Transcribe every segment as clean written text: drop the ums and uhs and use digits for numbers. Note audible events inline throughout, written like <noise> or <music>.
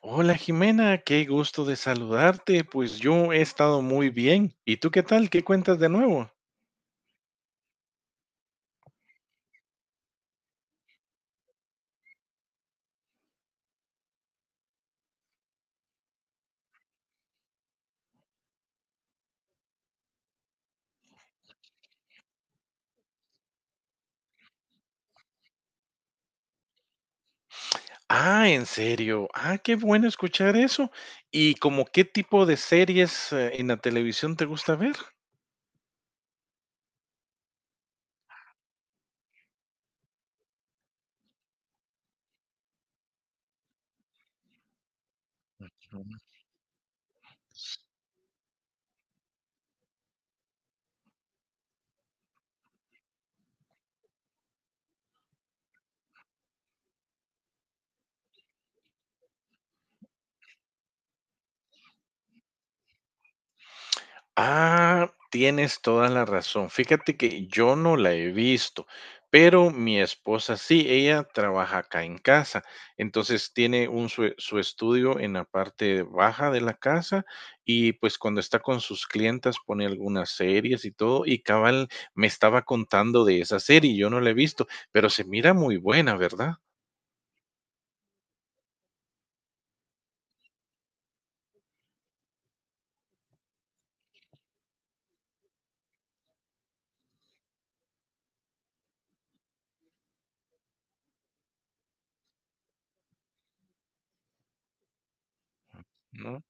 Hola Jimena, qué gusto de saludarte. Pues yo he estado muy bien. ¿Y tú qué tal? ¿Qué cuentas de nuevo? Ah, en serio. Ah, qué bueno escuchar eso. ¿Y como qué tipo de series en la televisión te gusta ver? Ah, tienes toda la razón. Fíjate que yo no la he visto, pero mi esposa sí, ella trabaja acá en casa. Entonces tiene su estudio en la parte baja de la casa y pues cuando está con sus clientas pone algunas series y todo y cabal me estaba contando de esa serie, yo no la he visto, pero se mira muy buena, ¿verdad? ¿No?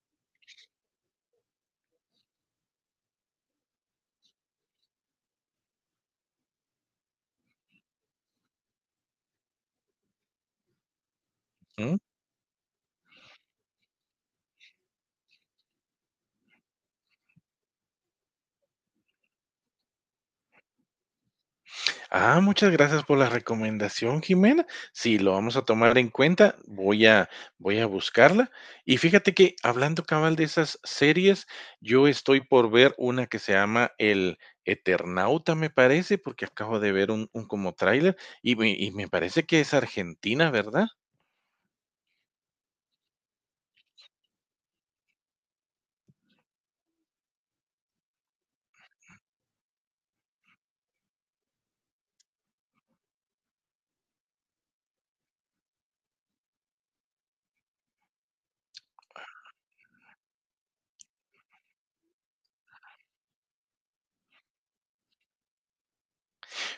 Ah, muchas gracias por la recomendación, Jimena. Sí, lo vamos a tomar en cuenta. Voy a buscarla. Y fíjate que hablando cabal de esas series, yo estoy por ver una que se llama El Eternauta, me parece, porque acabo de ver un como tráiler y me parece que es Argentina, ¿verdad?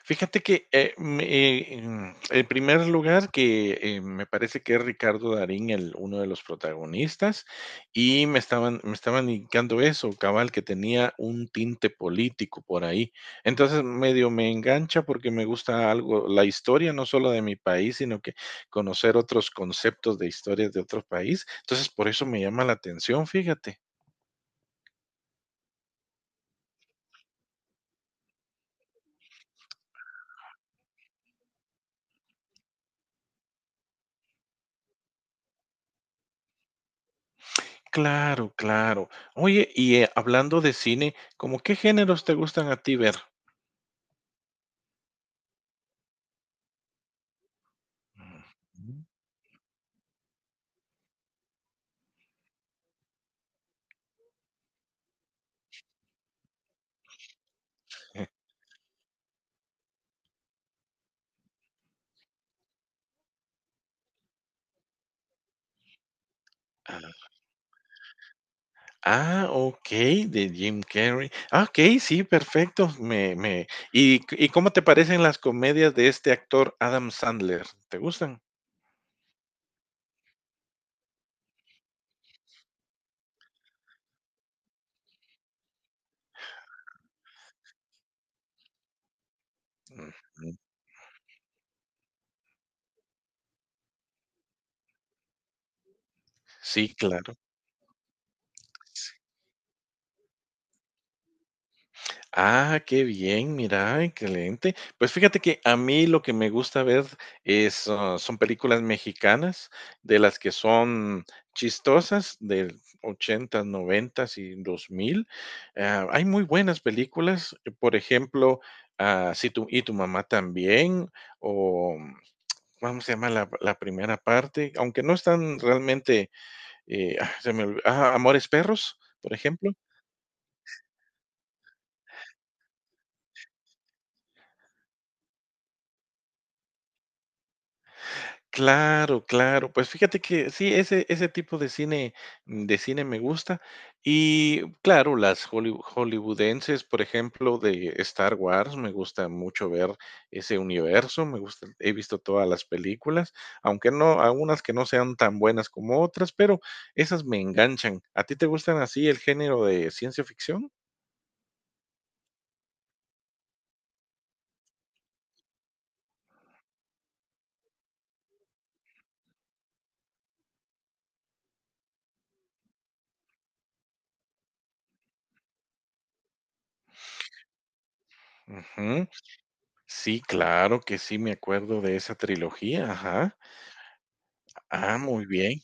Fíjate que, en primer lugar, me parece que es Ricardo Darín el uno de los protagonistas, y me estaban indicando eso, cabal, que tenía un tinte político por ahí. Entonces, medio me engancha porque me gusta algo la historia, no solo de mi país, sino que conocer otros conceptos de historias de otro país. Entonces, por eso me llama la atención, fíjate. Claro, claro. Oye, hablando de cine, ¿cómo qué géneros te gustan a ti ver? Ujú. Ah, ah, de Jim Carrey. Ah, okey, sí, perfecto. Me ¿y y cómo te parecen las comedias de este actor Adam Sandler? ¿Te gustan? Ujú. Sí, claro. Ah, qué bien, mira, excelente. Pues fíjate que a mí lo que me gusta ver es, ah, son películas mexicanas, de las que son chistosas, del 80, 90 y 2000. Ah, hay muy buenas películas, por ejemplo, ah, Si tu, y tu mamá también, o vamos se llama la primera parte, aunque no están realmente, ah, Amores Perros, por ejemplo. Claro, claro. Pues fíjate que sí, ese tipo de cine mm, de cine me gusta. Y claro, las hollywoodenses, por ejemplo, de Star Wars, me gusta mucho ver ese universo, me gusta he visto todas las películas, aunque no algunas que no sean tan buenas como otras, pero esas me enganchan. ¿A ti te gustan así el género de ciencia ficción? Ujú. Sí, claro que sí, me acuerdo de esa trilogía, ajá. Ah, muy bien.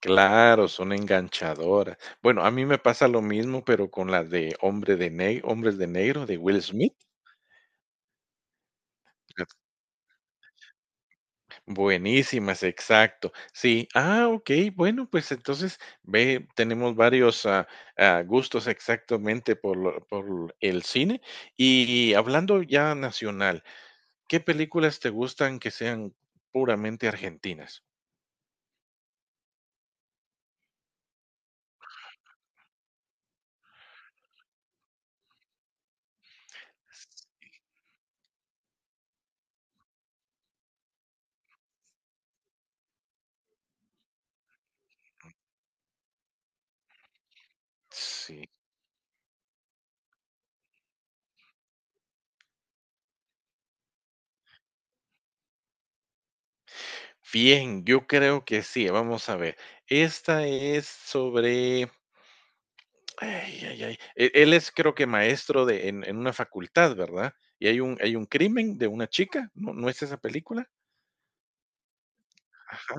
Claro, son enganchadoras. Bueno, a mí me pasa lo mismo, pero con la de Hombres de Negro de Will Smith. Buenísimas, exacto. Sí, ah, ok, bueno, pues entonces ve, tenemos varios gustos exactamente por, por el cine. Y hablando ya nacional, ¿qué películas te gustan que sean puramente argentinas? Sí. Bien, yo creo que sí. Vamos a ver. Esta es sobre ay, ay, ay. Él es creo que maestro en una facultad, ¿verdad? Y hay un crimen de una chica, ¿no, no es esa película? Ajá,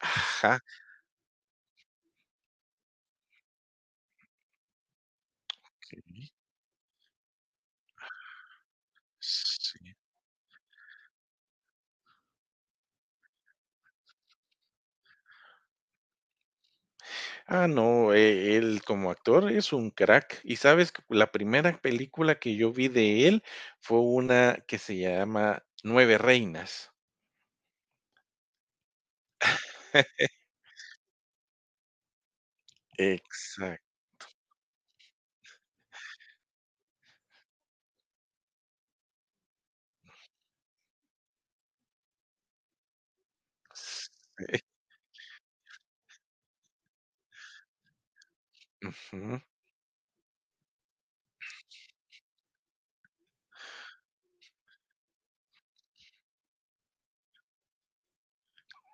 ajá. Sí, sí. Ah, no, él como actor es un crack. Y sabes, que la primera película que yo vi de él fue una que se llama Nueve Reinas. <laughs> Exacto. Ujú,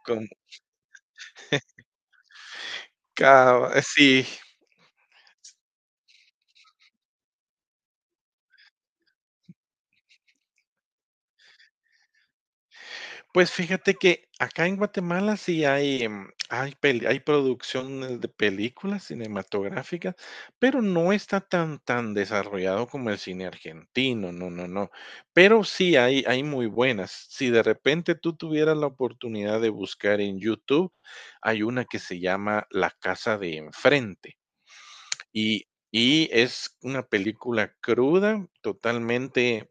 con cava, sí. Pues fíjate que acá en Guatemala sí hay, em, hay producciones de películas cinematográficas, pero no está tan desarrollado como el cine argentino, no, no, no. Pero sí hay muy buenas. Si de repente tú tuvieras la oportunidad de buscar en YouTube, hay una que se llama La casa de enfrente, y y es una película cruda, totalmente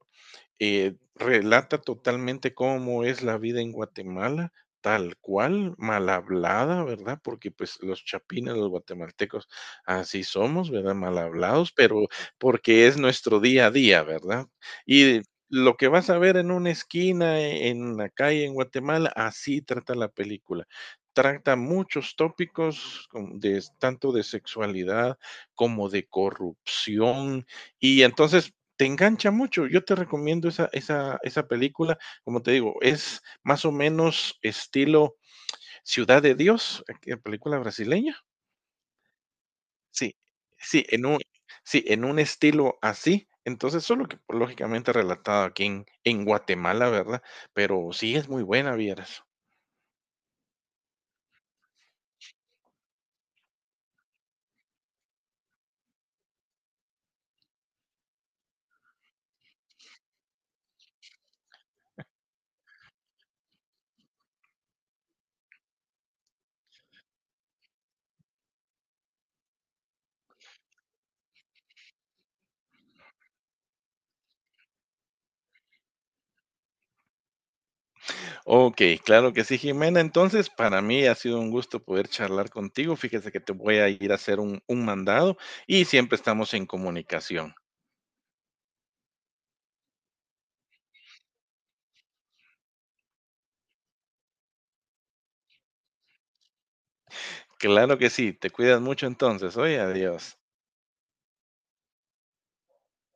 relata totalmente cómo es la vida en Guatemala, tal cual, mal hablada, ¿verdad? Porque pues los chapines, los guatemaltecos, así somos, ¿verdad? Mal hablados, pero porque es nuestro día a día, ¿verdad? Y lo que vas a ver en una esquina, e, en la calle en Guatemala, así trata la película. Trata muchos tópicos tanto de sexualidad como de corrupción. Y entonces te engancha mucho. Yo te recomiendo esa película. Como te digo, es más o menos estilo Ciudad de Dios, película brasileña. Sí, sí, sí, en un estilo así. Entonces, solo que pues, lógicamente relatado aquí en Guatemala, ¿verdad? Pero sí es muy buena, vieras. Ok, claro que sí, Jimena. Entonces, para mí ha sido un gusto poder charlar contigo. Fíjese que te voy a ir a hacer un mandado y siempre estamos en comunicación. Claro que sí, te cuidas mucho entonces. Oye, adiós.